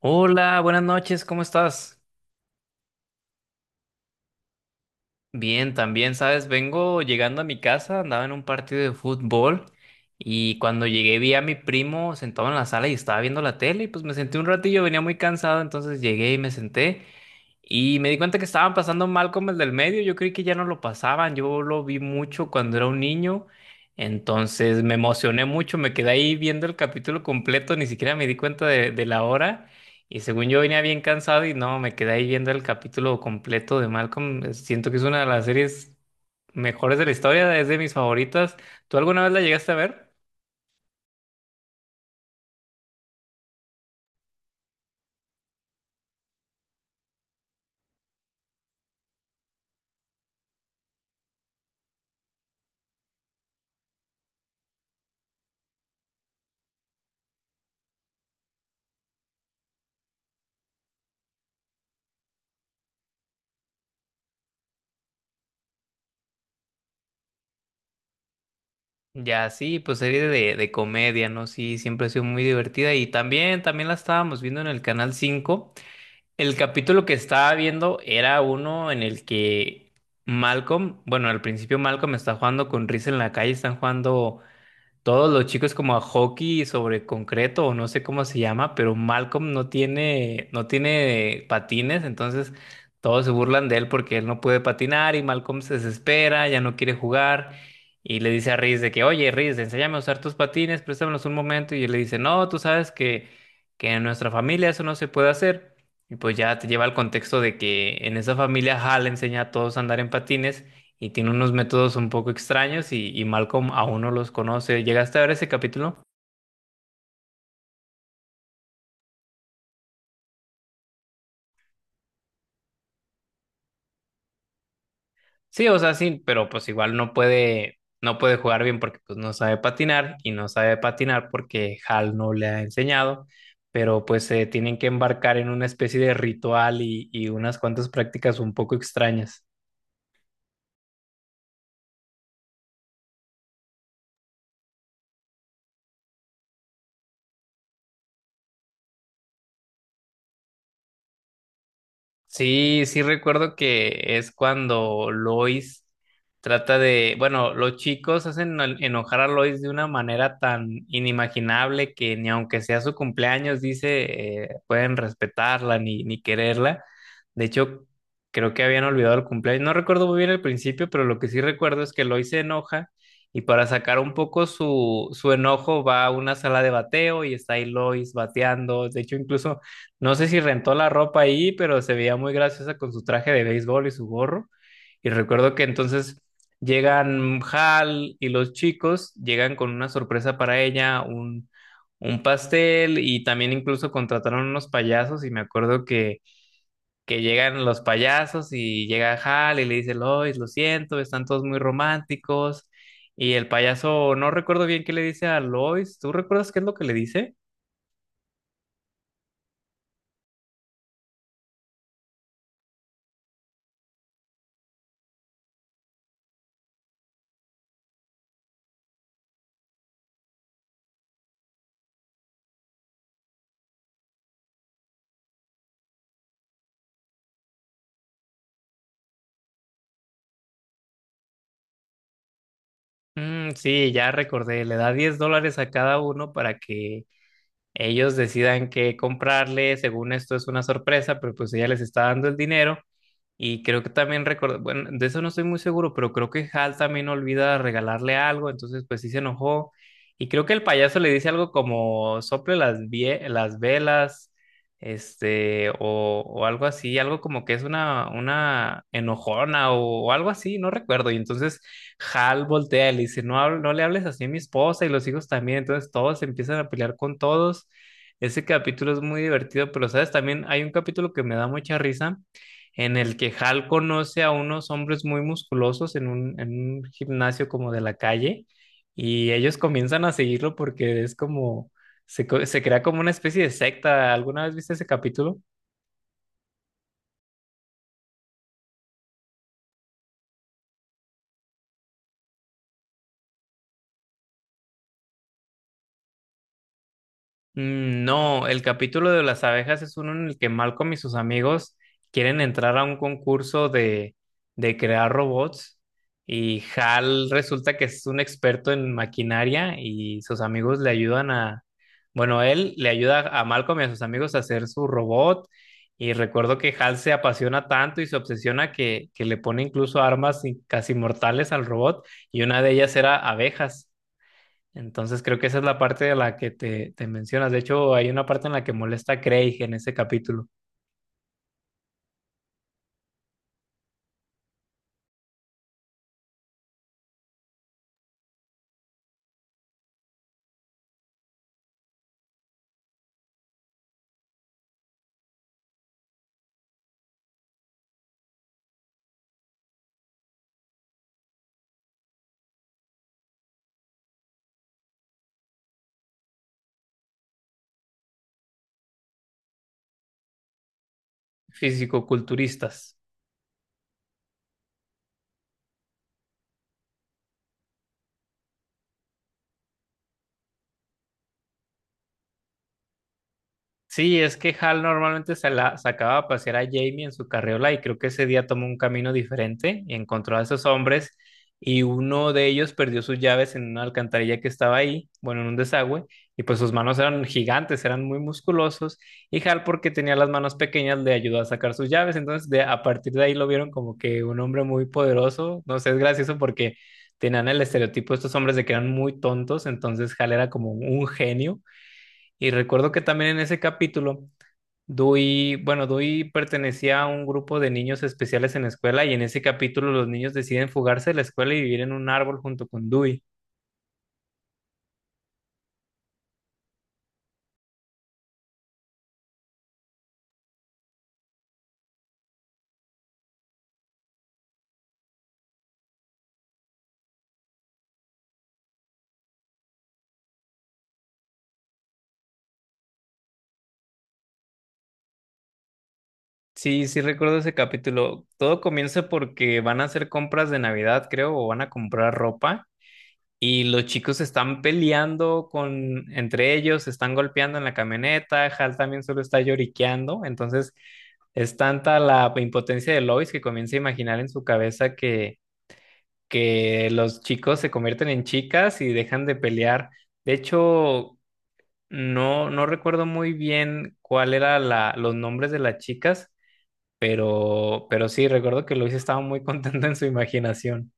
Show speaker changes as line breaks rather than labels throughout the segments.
Hola, buenas noches, ¿cómo estás? Bien, también, sabes, vengo llegando a mi casa, andaba en un partido de fútbol y cuando llegué vi a mi primo sentado en la sala y estaba viendo la tele y pues me senté un ratillo, venía muy cansado, entonces llegué y me senté y me di cuenta que estaban pasando Mal como el del medio, yo creí que ya no lo pasaban, yo lo vi mucho cuando era un niño, entonces me emocioné mucho, me quedé ahí viendo el capítulo completo, ni siquiera me di cuenta de la hora. Y según yo venía bien cansado y no, me quedé ahí viendo el capítulo completo de Malcolm. Siento que es una de las series mejores de la historia, es de mis favoritas. ¿Tú alguna vez la llegaste a ver? Ya, sí, pues serie de comedia, ¿no? Sí, siempre ha sido muy divertida y también, también la estábamos viendo en el Canal 5. El capítulo que estaba viendo era uno en el que Malcolm, bueno, al principio Malcolm está jugando con Riz en la calle, están jugando todos los chicos como a hockey sobre concreto o no sé cómo se llama, pero Malcolm no tiene patines, entonces todos se burlan de él porque él no puede patinar y Malcolm se desespera, ya no quiere jugar y le dice a Riz de que, oye, Riz, enséñame a usar tus patines, préstamelos un momento y él le dice, no, tú sabes que en nuestra familia eso no se puede hacer. Y pues ya te lleva al contexto de que en esa familia Hal enseña a todos a andar en patines y tiene unos métodos un poco extraños y Malcolm aún no los conoce. ¿Llegaste a ver ese capítulo? Sí, o sea, sí, pero pues igual no puede jugar bien porque pues no sabe patinar y no sabe patinar porque Hal no le ha enseñado, pero pues se tienen que embarcar en una especie de ritual y unas cuantas prácticas un poco extrañas. Sí, sí recuerdo que es cuando Lois trata de, bueno, los chicos hacen enojar a Lois de una manera tan inimaginable que ni aunque sea su cumpleaños, dice, pueden respetarla ni quererla. De hecho, creo que habían olvidado el cumpleaños. No recuerdo muy bien el principio, pero lo que sí recuerdo es que Lois se enoja y para sacar un poco su enojo va a una sala de bateo y está ahí Lois bateando. De hecho, incluso. No sé si rentó la ropa ahí, pero se veía muy graciosa con su traje de béisbol y su gorro. Y recuerdo que entonces llegan Hal y los chicos, llegan con una sorpresa para ella, un pastel y también incluso contrataron unos payasos y me acuerdo que llegan los payasos y llega Hal y le dice, Lois, lo siento, están todos muy románticos. Y el payaso, no recuerdo bien qué le dice a Lois, ¿tú recuerdas qué es lo que le dice? Mm, sí, ya recordé, le da $10 a cada uno para que ellos decidan qué comprarle. Según esto es una sorpresa, pero pues ella les está dando el dinero. Y creo que también recordé, bueno, de eso no estoy muy seguro, pero creo que Hal también olvida regalarle algo, entonces pues sí se enojó. Y creo que el payaso le dice algo como sople las, las velas, este, o algo así, algo como que es una enojona o algo así, no recuerdo. Y entonces Hal voltea y le dice, no, no le hables así a mi esposa y los hijos también. Entonces todos se empiezan a pelear con todos. Ese capítulo es muy divertido, pero sabes, también hay un capítulo que me da mucha risa en el que Hal conoce a unos hombres muy musculosos en un gimnasio como de la calle y ellos comienzan a seguirlo porque es como, se crea como una especie de secta. ¿Alguna vez viste ese capítulo? Mm, no, el capítulo de las abejas es uno en el que Malcolm y sus amigos quieren entrar a un concurso de crear robots y Hal resulta que es un experto en maquinaria y sus amigos le ayudan a, bueno, él le ayuda a Malcolm y a sus amigos a hacer su robot y recuerdo que Hal se apasiona tanto y se obsesiona que le pone incluso armas casi mortales al robot y una de ellas era abejas. Entonces creo que esa es la parte de la que te mencionas. De hecho, hay una parte en la que molesta a Craig en ese capítulo, fisicoculturistas. Sí, es que Hal normalmente se la sacaba a pasear a Jamie en su carriola y creo que ese día tomó un camino diferente y encontró a esos hombres y uno de ellos perdió sus llaves en una alcantarilla que estaba ahí, bueno, en un desagüe, y pues sus manos eran gigantes, eran muy musculosos y Hal porque tenía las manos pequeñas le ayudó a sacar sus llaves, entonces a partir de ahí lo vieron como que un hombre muy poderoso, no sé, es gracioso porque tenían el estereotipo de estos hombres de que eran muy tontos, entonces Hal era como un genio. Y recuerdo que también en ese capítulo Dewey, bueno, Dewey pertenecía a un grupo de niños especiales en la escuela y en ese capítulo los niños deciden fugarse de la escuela y vivir en un árbol junto con Dewey. Sí, sí recuerdo ese capítulo. Todo comienza porque van a hacer compras de Navidad, creo, o van a comprar ropa y los chicos están peleando con entre ellos, se están golpeando en la camioneta, Hal también solo está lloriqueando, entonces es tanta la impotencia de Lois que comienza a imaginar en su cabeza que los chicos se convierten en chicas y dejan de pelear. De hecho, no recuerdo muy bien cuál era la, los nombres de las chicas, pero sí, recuerdo que Luis estaba muy contento en su imaginación.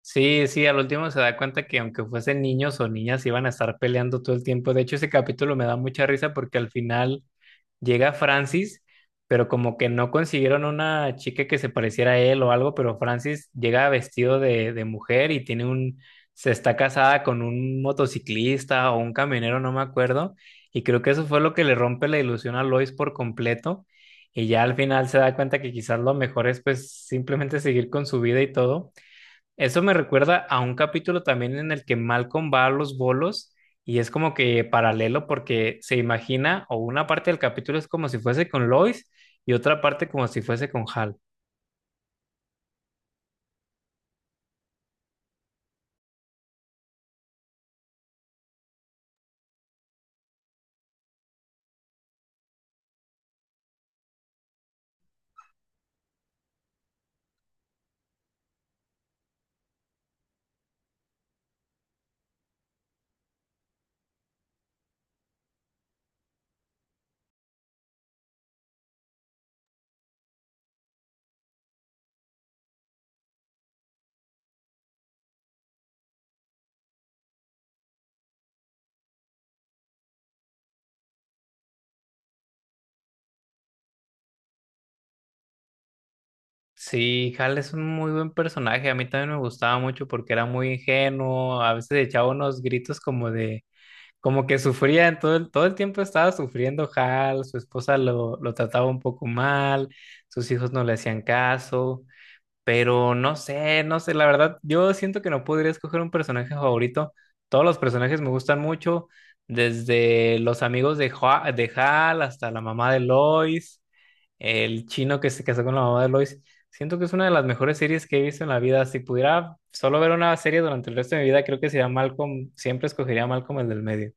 Sí, sí, al último se da cuenta que aunque fuesen niños o niñas, iban a estar peleando todo el tiempo. De hecho, ese capítulo me da mucha risa porque al final llega Francis, pero como que no consiguieron una chica que se pareciera a él o algo, pero Francis llega vestido de mujer y tiene un, se está casada con un motociclista o un camionero, no me acuerdo, y creo que eso fue lo que le rompe la ilusión a Lois por completo, y ya al final se da cuenta que quizás lo mejor es pues simplemente seguir con su vida y todo eso me recuerda a un capítulo también en el que Malcolm va a los bolos y es como que paralelo porque se imagina o una parte del capítulo es como si fuese con Lois y otra parte como si fuese con Hal. Sí, Hal es un muy buen personaje, a mí también me gustaba mucho porque era muy ingenuo, a veces echaba unos gritos como de, como que sufría, en todo el tiempo estaba sufriendo Hal, su esposa lo trataba un poco mal, sus hijos no le hacían caso. Pero no sé, la verdad, yo siento que no podría escoger un personaje favorito. Todos los personajes me gustan mucho, desde los amigos de Hal hasta la mamá de Lois, el chino que se casó con la mamá de Lois. Siento que es una de las mejores series que he visto en la vida. Si pudiera solo ver una serie durante el resto de mi vida, creo que sería Malcolm, siempre escogería a Malcolm el del medio.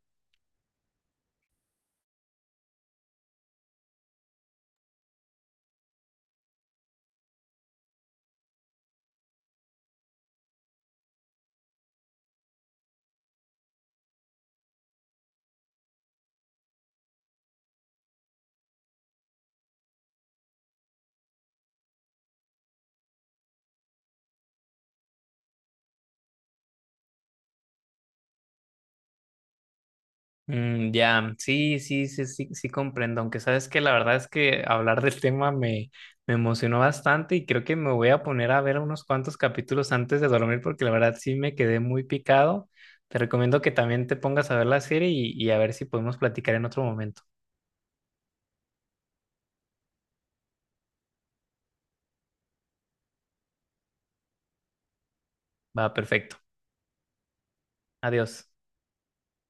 Mm, ya, sí, sí, sí, sí, sí comprendo, aunque sabes que la verdad es que hablar del tema me, me emocionó bastante y creo que me voy a poner a ver unos cuantos capítulos antes de dormir porque la verdad sí me quedé muy picado. Te recomiendo que también te pongas a ver la serie y a ver si podemos platicar en otro momento. Va, perfecto. Adiós.